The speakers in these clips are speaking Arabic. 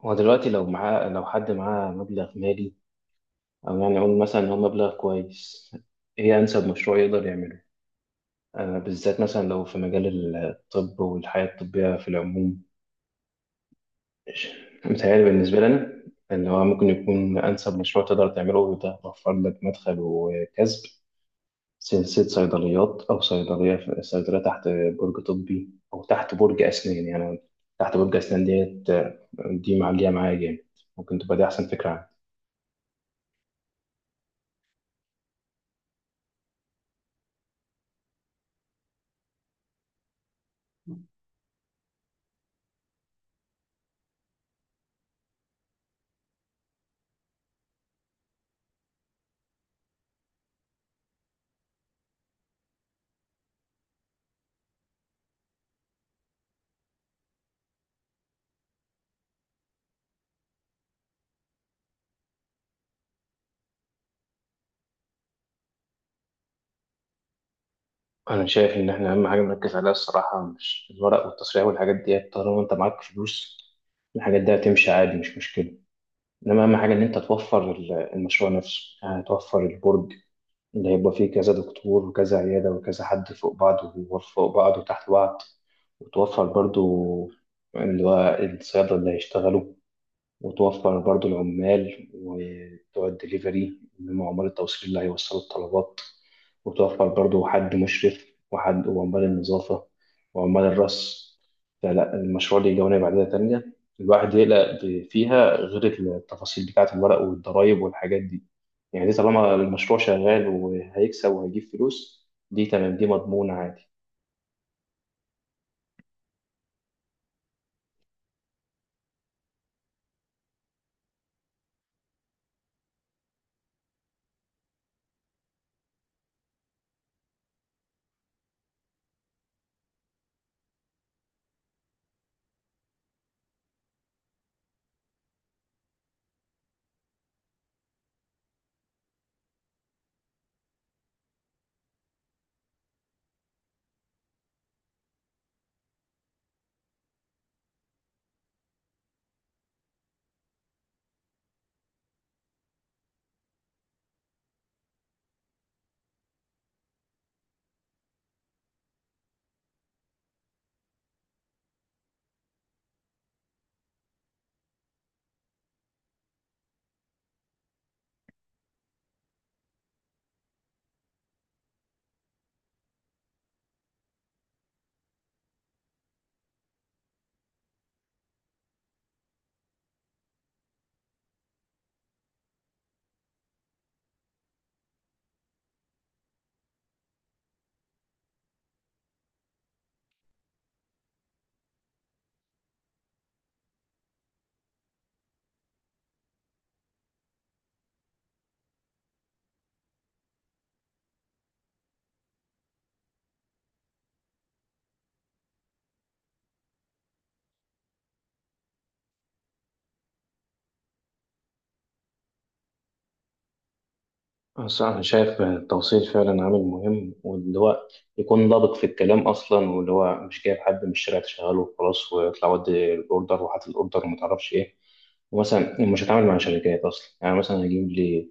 هو دلوقتي لو حد معاه مبلغ مالي، أو يعني نقول مثلا إن هو مبلغ كويس، إيه أنسب مشروع يقدر يعمله؟ بالذات مثلا لو في مجال الطب والحياة الطبية في العموم، متهيألي بالنسبة لنا إن هو ممكن يكون أنسب مشروع تقدر تعمله ده وفر لك مدخل وكسب، سلسلة صيدليات، أو صيدلية تحت برج طبي أو تحت برج أسنان يعني. تحت برج أسنان ديت دي معلية معايا جامد. ممكن تبقى دي أحسن فكرة. انا شايف ان احنا اهم حاجه نركز عليها الصراحه مش الورق والتصريح والحاجات دي، طالما انت معاك فلوس الحاجات دي هتمشي عادي، مش مشكله. انما اهم حاجه ان انت توفر المشروع نفسه، يعني توفر البرج اللي هيبقى فيه كذا دكتور وكذا عياده وكذا حد فوق بعض وفوق بعض وتحت بعض، وتوفر برضو اللي هو الصيادله اللي هيشتغلوا، وتوفر برضو العمال وبتوع الدليفري اللي هم عمال التوصيل اللي هيوصلوا الطلبات، وتوفر برضو حد مشرف وحد وعمال النظافة وعمال الرص. فلا، المشروع ليه جوانب عديدة تانية الواحد يقلق فيها غير التفاصيل بتاعة الورق والضرايب والحاجات دي. يعني دي طالما المشروع شغال وهيكسب وهيجيب فلوس دي تمام، دي مضمونة عادي. بس أنا شايف التوصيل فعلا عامل مهم، واللي هو يكون ضابط في الكلام أصلا، واللي هو مش جايب حد من الشارع تشغله وخلاص ويطلع ودي الأوردر وحاطط الأوردر ومتعرفش إيه. ومثلا مش هتعامل مع شركات أصلا، يعني مثلا هجيب لي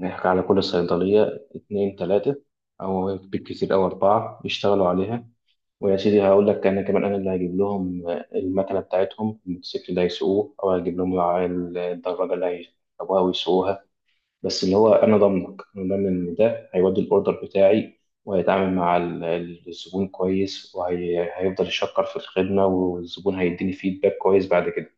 نحكي على كل صيدلية اتنين تلاتة أو بالكتير أو أربعة يشتغلوا عليها. ويا سيدي هقول لك، أنا كمان أنا اللي هجيب لهم المكنة بتاعتهم، الموتوسيكل اللي هيسوقوه، أو هجيب لهم الدراجة اللي هيركبوها ويسوقوها. بس اللي هو انا ضامنك، انا ضامن ان ده هيودي الاوردر بتاعي وهيتعامل مع الزبون كويس، وهيفضل يشكر في الخدمه، والزبون هيديني فيدباك كويس بعد كده.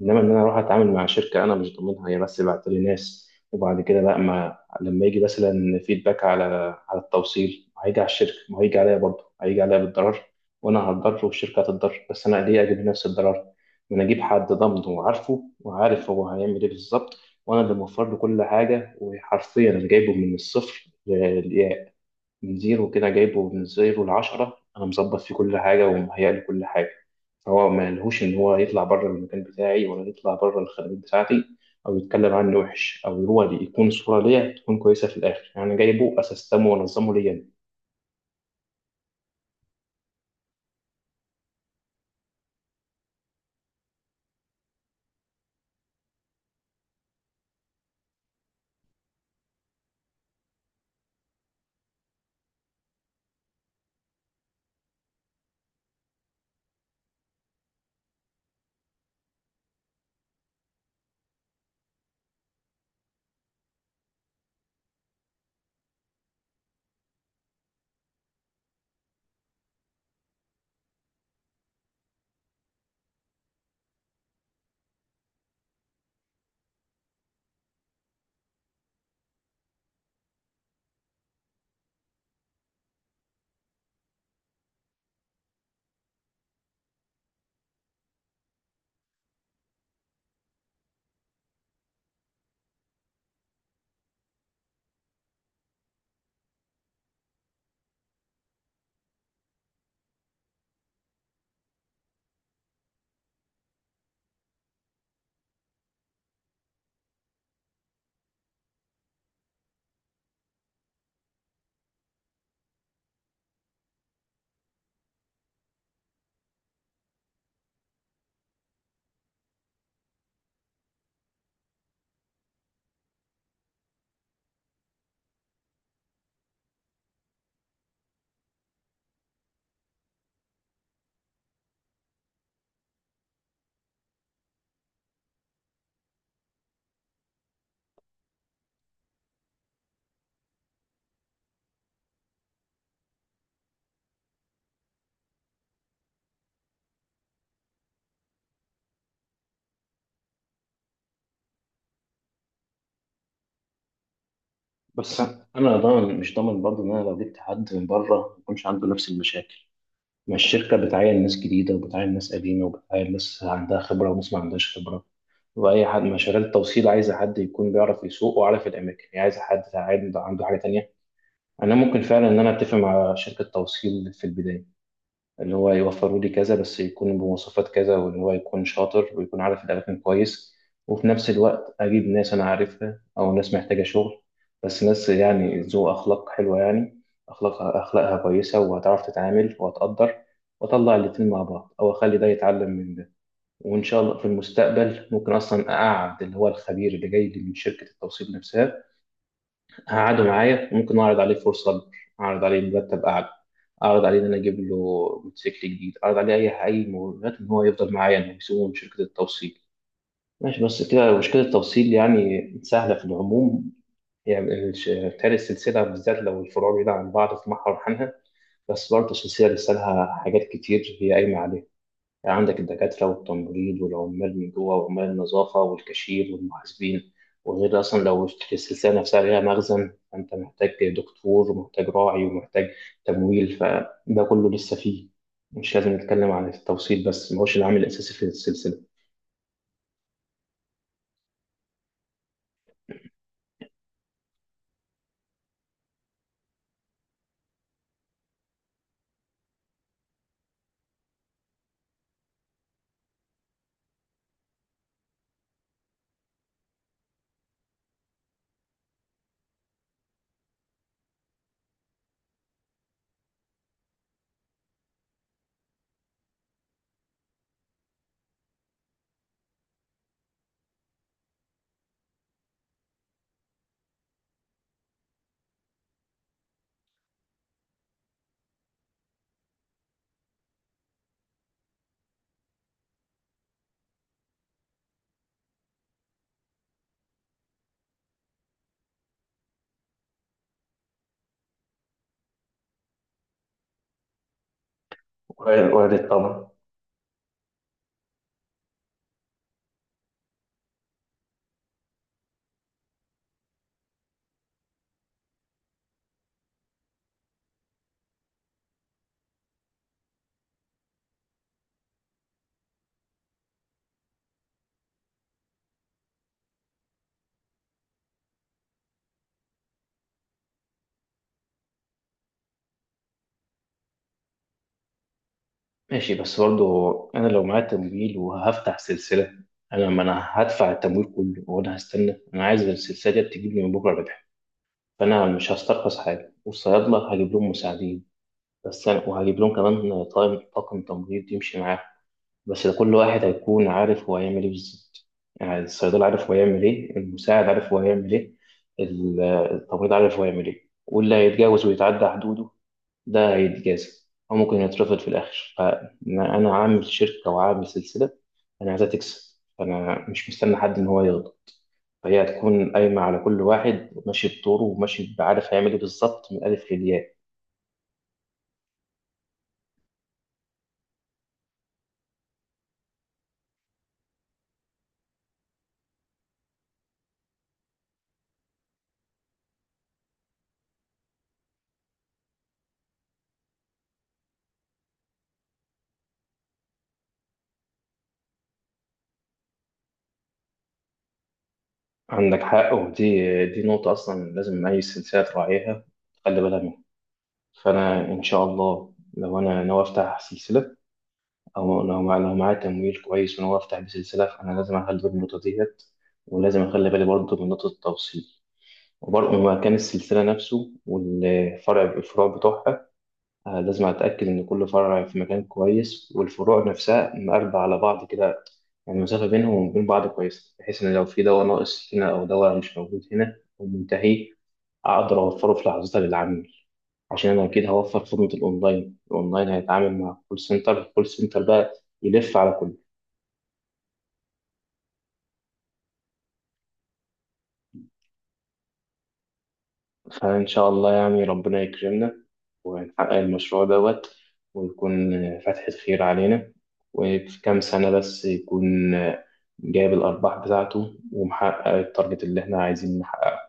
انما ان انا اروح اتعامل مع شركه انا مش ضامنها، هي بس بعت لي ناس، وبعد كده لا، ما لما يجي مثلا فيدباك على على التوصيل هيجي على الشركه، ما هيجي عليا، برضه هيجي عليا بالضرر. وانا هتضرر والشركه هتتضرر، بس انا ليه اجيب نفس الضرر؟ ما انا اجيب حد ضامنه وعارفه وعارف هو هيعمل ايه بالظبط، وانا اللي موفر له كل حاجه، وحرفيا انا جايبه من الصفر للياء، من زيرو كده، جايبه من زيرو لعشرة، انا مظبط فيه كل حاجه ومهيأ له كل حاجه. هو ما لهوش ان هو يطلع بره المكان بتاعي، ولا يطلع بره الخدمات بتاعتي، او يتكلم عني وحش، او هو اللي يكون صوره ليا تكون كويسه في الاخر. يعني أنا جايبه اسستمه وانظمه ليا أنا. بس انا ضامن مش ضامن برضه ان انا لو جبت حد من بره ما يكونش عنده نفس المشاكل. ما الشركه بتعين ناس جديده وبتعين ناس قديمه وبتعين ناس عندها خبره وناس ما عندهاش خبره. واي حد مشاريع التوصيل عايزه حد يكون بيعرف يسوق وعارف الاماكن، هي عايزه حد عنده حاجه تانيه. انا ممكن فعلا ان انا اتفق مع شركه توصيل في البدايه، اللي هو يوفروا لي كذا، بس يكون بمواصفات كذا، وان هو يكون شاطر ويكون عارف الاماكن كويس. وفي نفس الوقت اجيب ناس انا عارفها، او ناس محتاجه شغل، بس ناس يعني ذو اخلاق حلوه يعني، اخلاقها كويسه، وهتعرف تتعامل وهتقدر. واطلع الاتنين مع بعض، او اخلي ده يتعلم من ده. وان شاء الله في المستقبل ممكن اصلا اقعد اللي هو الخبير اللي جاي لي من شركه التوصيل نفسها، هقعده معايا، وممكن اعرض عليه فرصه اكبر، اعرض عليه مرتب اعلى، اعرض عليه ان انا اجيب له موتوسيكل جديد، اعرض عليه اي مغريات ان هو يفضل معايا انه يسوقه من شركه التوصيل. ماشي، بس كده مشكله التوصيل يعني سهله في العموم. يعني بتهيألي السلسله، بالذات لو الفروع بعيده عن بعض، في محور عنها. بس برضه السلسله لسه لها حاجات كتير هي قايمه عليها. يعني عندك الدكاترة والتمريض والعمال من جوه وعمال النظافة والكاشير والمحاسبين. وغير أصلا لو السلسلة نفسها ليها مخزن فأنت محتاج دكتور ومحتاج راعي ومحتاج تمويل، فده كله لسه فيه. مش لازم نتكلم عن التوصيل بس، ما هوش العامل الأساسي في السلسلة. وارد، وارد طبعا. ماشي، بس برضه أنا لو معايا تمويل وهفتح سلسلة، أنا ما أنا هدفع التمويل كله، وأنا هستنى؟ أنا عايز السلسلة دي تجيب لي من بكرة ربح. فأنا مش هسترخص حاجة، والصيادلة هجيب لهم مساعدين بس يعني، وهجيب لهم كمان طاقم تمريض يمشي معاهم. بس ده كل واحد هيكون عارف هو هيعمل ايه بالظبط. يعني الصيدلي عارف هو هيعمل ايه، المساعد عارف هو هيعمل ايه، التمريض عارف هو هيعمل ايه. واللي هيتجاوز ويتعدى حدوده ده هيتجازى، أو ممكن يترفض في الآخر. فأنا أنا عامل شركة وعامل سلسلة، أنا عايزها تكسب، فأنا مش مستني حد إن هو يرضى. فهي هتكون قايمة على كل واحد ماشي بدوره وماشي عارف هيعمل ايه بالظبط من الألف للياء. عندك حق، ودي دي نقطة أصلا لازم أي سلسلة تراعيها، تخلي بالها منها. فأنا إن شاء الله لو أنا ناوي أفتح سلسلة، أو لو معايا تمويل كويس وناوي أفتح بيه سلسلة، فأنا لازم أخلي بالي من النقطة ديت، ولازم أخلي بالي برضه من نقطة التوصيل، وبرضه من مكان السلسلة نفسه والفرع الفروع بتوعها. لازم أتأكد إن كل فرع في مكان كويس، والفروع نفسها مقربة على بعض كده، يعني المسافة بينهم وبين بعض كويسة، بحيث إن لو في دواء ناقص هنا أو دواء مش موجود هنا أو منتهي، أقدر أوفره في لحظتها للعميل. عشان أنا أكيد هوفر خدمة الأونلاين، الأونلاين هيتعامل مع كول سنتر، الكول سنتر بقى يلف على كل. فإن شاء الله يعني ربنا يكرمنا ونحقق المشروع دوت، ويكون فتحة خير علينا، وفي كام سنة بس يكون جايب الأرباح بتاعته ومحقق التارجت اللي إحنا عايزين نحققه.